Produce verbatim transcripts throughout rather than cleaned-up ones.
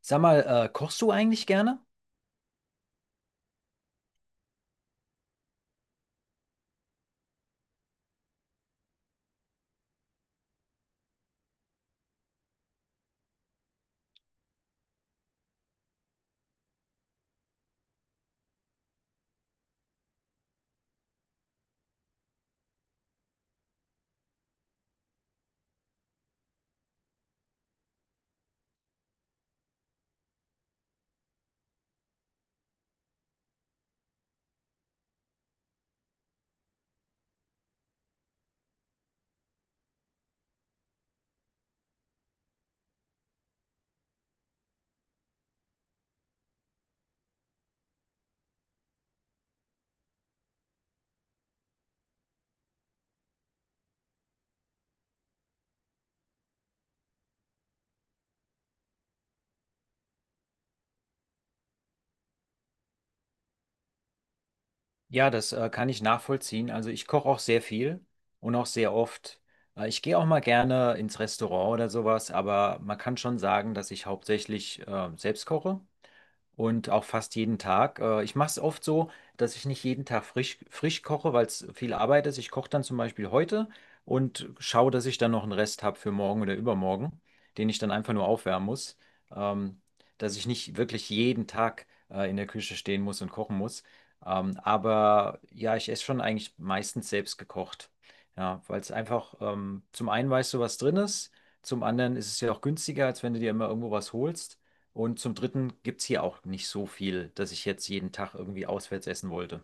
Sag mal, äh, kochst du eigentlich gerne? Ja, das äh, kann ich nachvollziehen. Also ich koche auch sehr viel und auch sehr oft. Äh, ich gehe auch mal gerne ins Restaurant oder sowas, aber man kann schon sagen, dass ich hauptsächlich äh, selbst koche. und auch fast jeden Tag. Äh, ich mache es oft so, dass ich nicht jeden Tag frisch, frisch koche, weil es viel Arbeit ist. Ich koche dann zum Beispiel heute und schaue, dass ich dann noch einen Rest habe für morgen oder übermorgen, den ich dann einfach nur aufwärmen muss, ähm, dass ich nicht wirklich jeden Tag äh, in der Küche stehen muss und kochen muss. Ähm, aber ja, ich esse schon eigentlich meistens selbst gekocht. Ja, weil es einfach, ähm, zum einen weißt du, was drin ist, zum anderen ist es ja auch günstiger, als wenn du dir immer irgendwo was holst. Und zum Dritten gibt es hier auch nicht so viel, dass ich jetzt jeden Tag irgendwie auswärts essen wollte.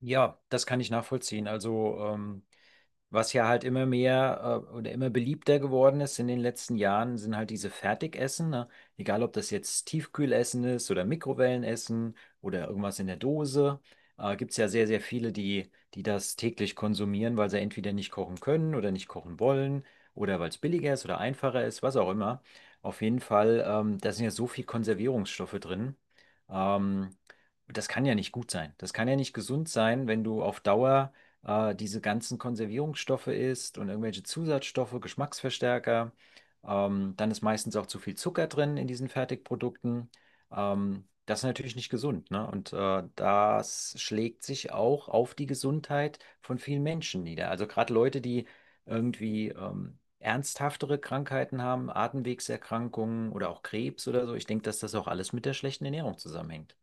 Ja, das kann ich nachvollziehen. Also ähm, Was ja halt immer mehr äh, oder immer beliebter geworden ist in den letzten Jahren, sind halt diese Fertigessen. Ne? Egal, ob das jetzt Tiefkühlessen ist oder Mikrowellenessen oder irgendwas in der Dose. Äh, gibt es ja sehr, sehr viele, die, die das täglich konsumieren, weil sie entweder nicht kochen können oder nicht kochen wollen oder weil es billiger ist oder einfacher ist, was auch immer. Auf jeden Fall, ähm, da sind ja so viel Konservierungsstoffe drin. Ähm, Das kann ja nicht gut sein. Das kann ja nicht gesund sein, wenn du auf Dauer äh, diese ganzen Konservierungsstoffe isst und irgendwelche Zusatzstoffe, Geschmacksverstärker. Ähm, dann ist meistens auch zu viel Zucker drin in diesen Fertigprodukten. Ähm, das ist natürlich nicht gesund, ne? Und äh, das schlägt sich auch auf die Gesundheit von vielen Menschen nieder. Also gerade Leute, die irgendwie ähm, ernsthaftere Krankheiten haben, Atemwegserkrankungen oder auch Krebs oder so. Ich denke, dass das auch alles mit der schlechten Ernährung zusammenhängt.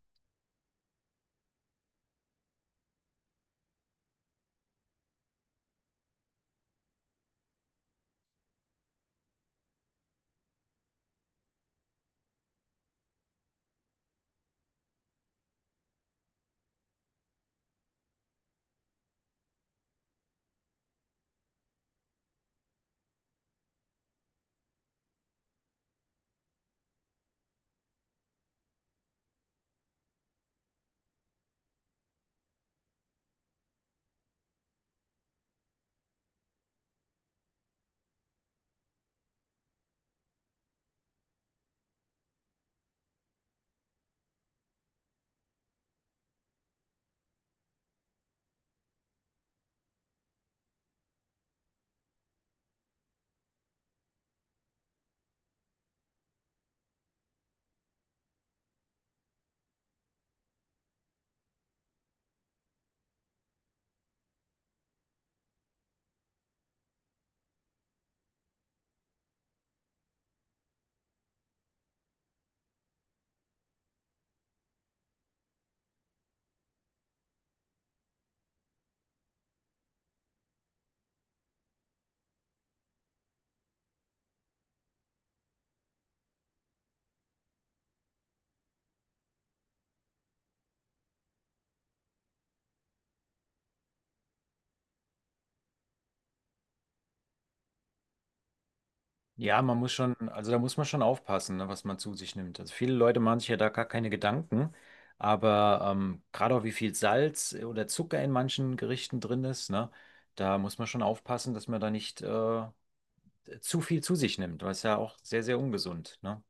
Ja, man muss schon, also da muss man schon aufpassen, ne, was man zu sich nimmt. Also viele Leute machen sich ja da gar keine Gedanken, aber ähm, gerade auch wie viel Salz äh, oder Zucker in manchen Gerichten drin ist, ne, da muss man schon aufpassen, dass man da nicht äh, zu viel zu sich nimmt, weil es ja auch sehr, sehr ungesund, ne?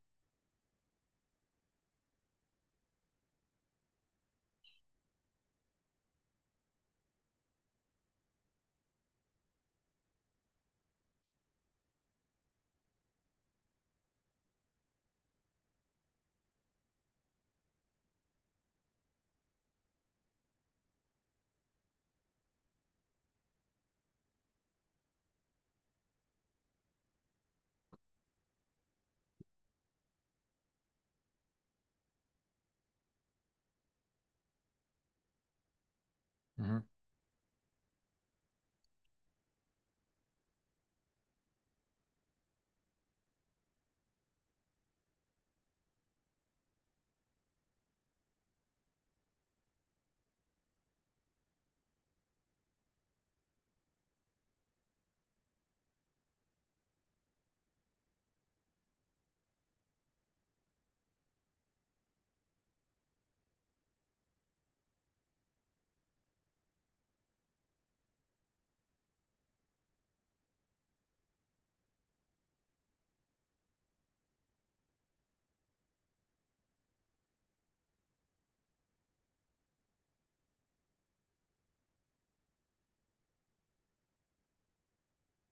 Mhm.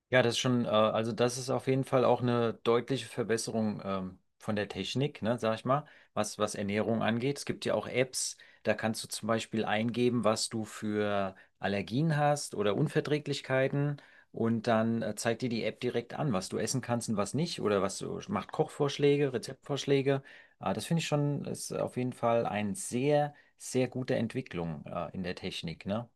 Ja, das ist schon, äh, also das ist auf jeden Fall auch eine deutliche Verbesserung ähm, von der Technik, ne, sag ich mal, was, was Ernährung angeht. Es gibt ja auch Apps, da kannst du zum Beispiel eingeben, was du für Allergien hast oder Unverträglichkeiten und dann äh, zeigt dir die App direkt an, was du essen kannst und was nicht oder was du, macht Kochvorschläge, Rezeptvorschläge. Äh, das finde ich schon, ist auf jeden Fall eine sehr, sehr gute Entwicklung äh, in der Technik, ne?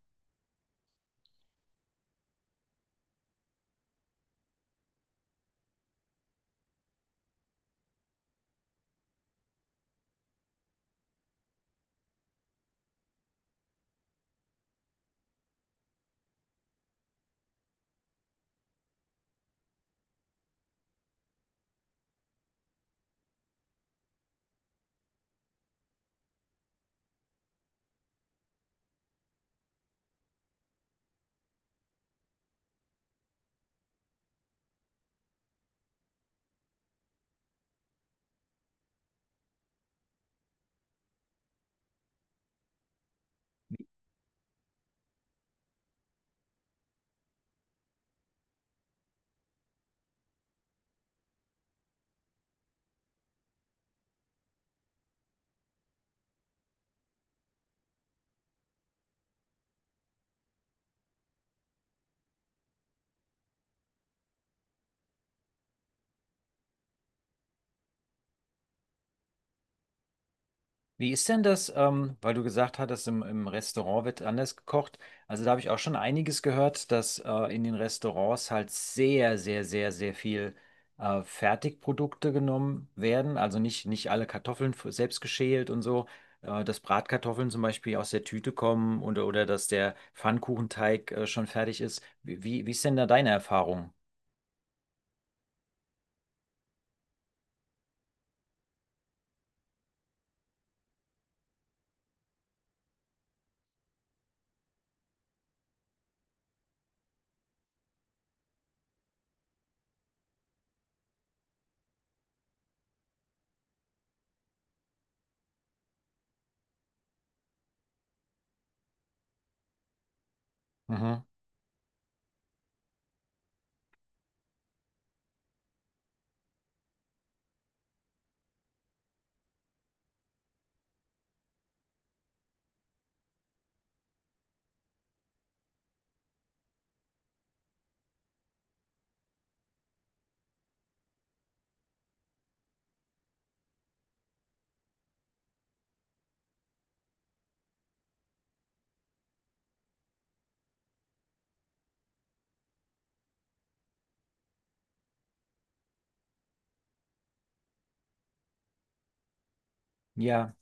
Wie ist denn das, ähm, weil du gesagt hattest, im, im Restaurant wird anders gekocht. Also da habe ich auch schon einiges gehört, dass äh, in den Restaurants halt sehr, sehr, sehr, sehr viel äh, Fertigprodukte genommen werden. Also nicht, nicht alle Kartoffeln f- selbst geschält und so. Äh, dass Bratkartoffeln zum Beispiel aus der Tüte kommen oder, oder dass der Pfannkuchenteig äh, schon fertig ist. Wie, wie, wie ist denn da deine Erfahrung? Mhm. Ja.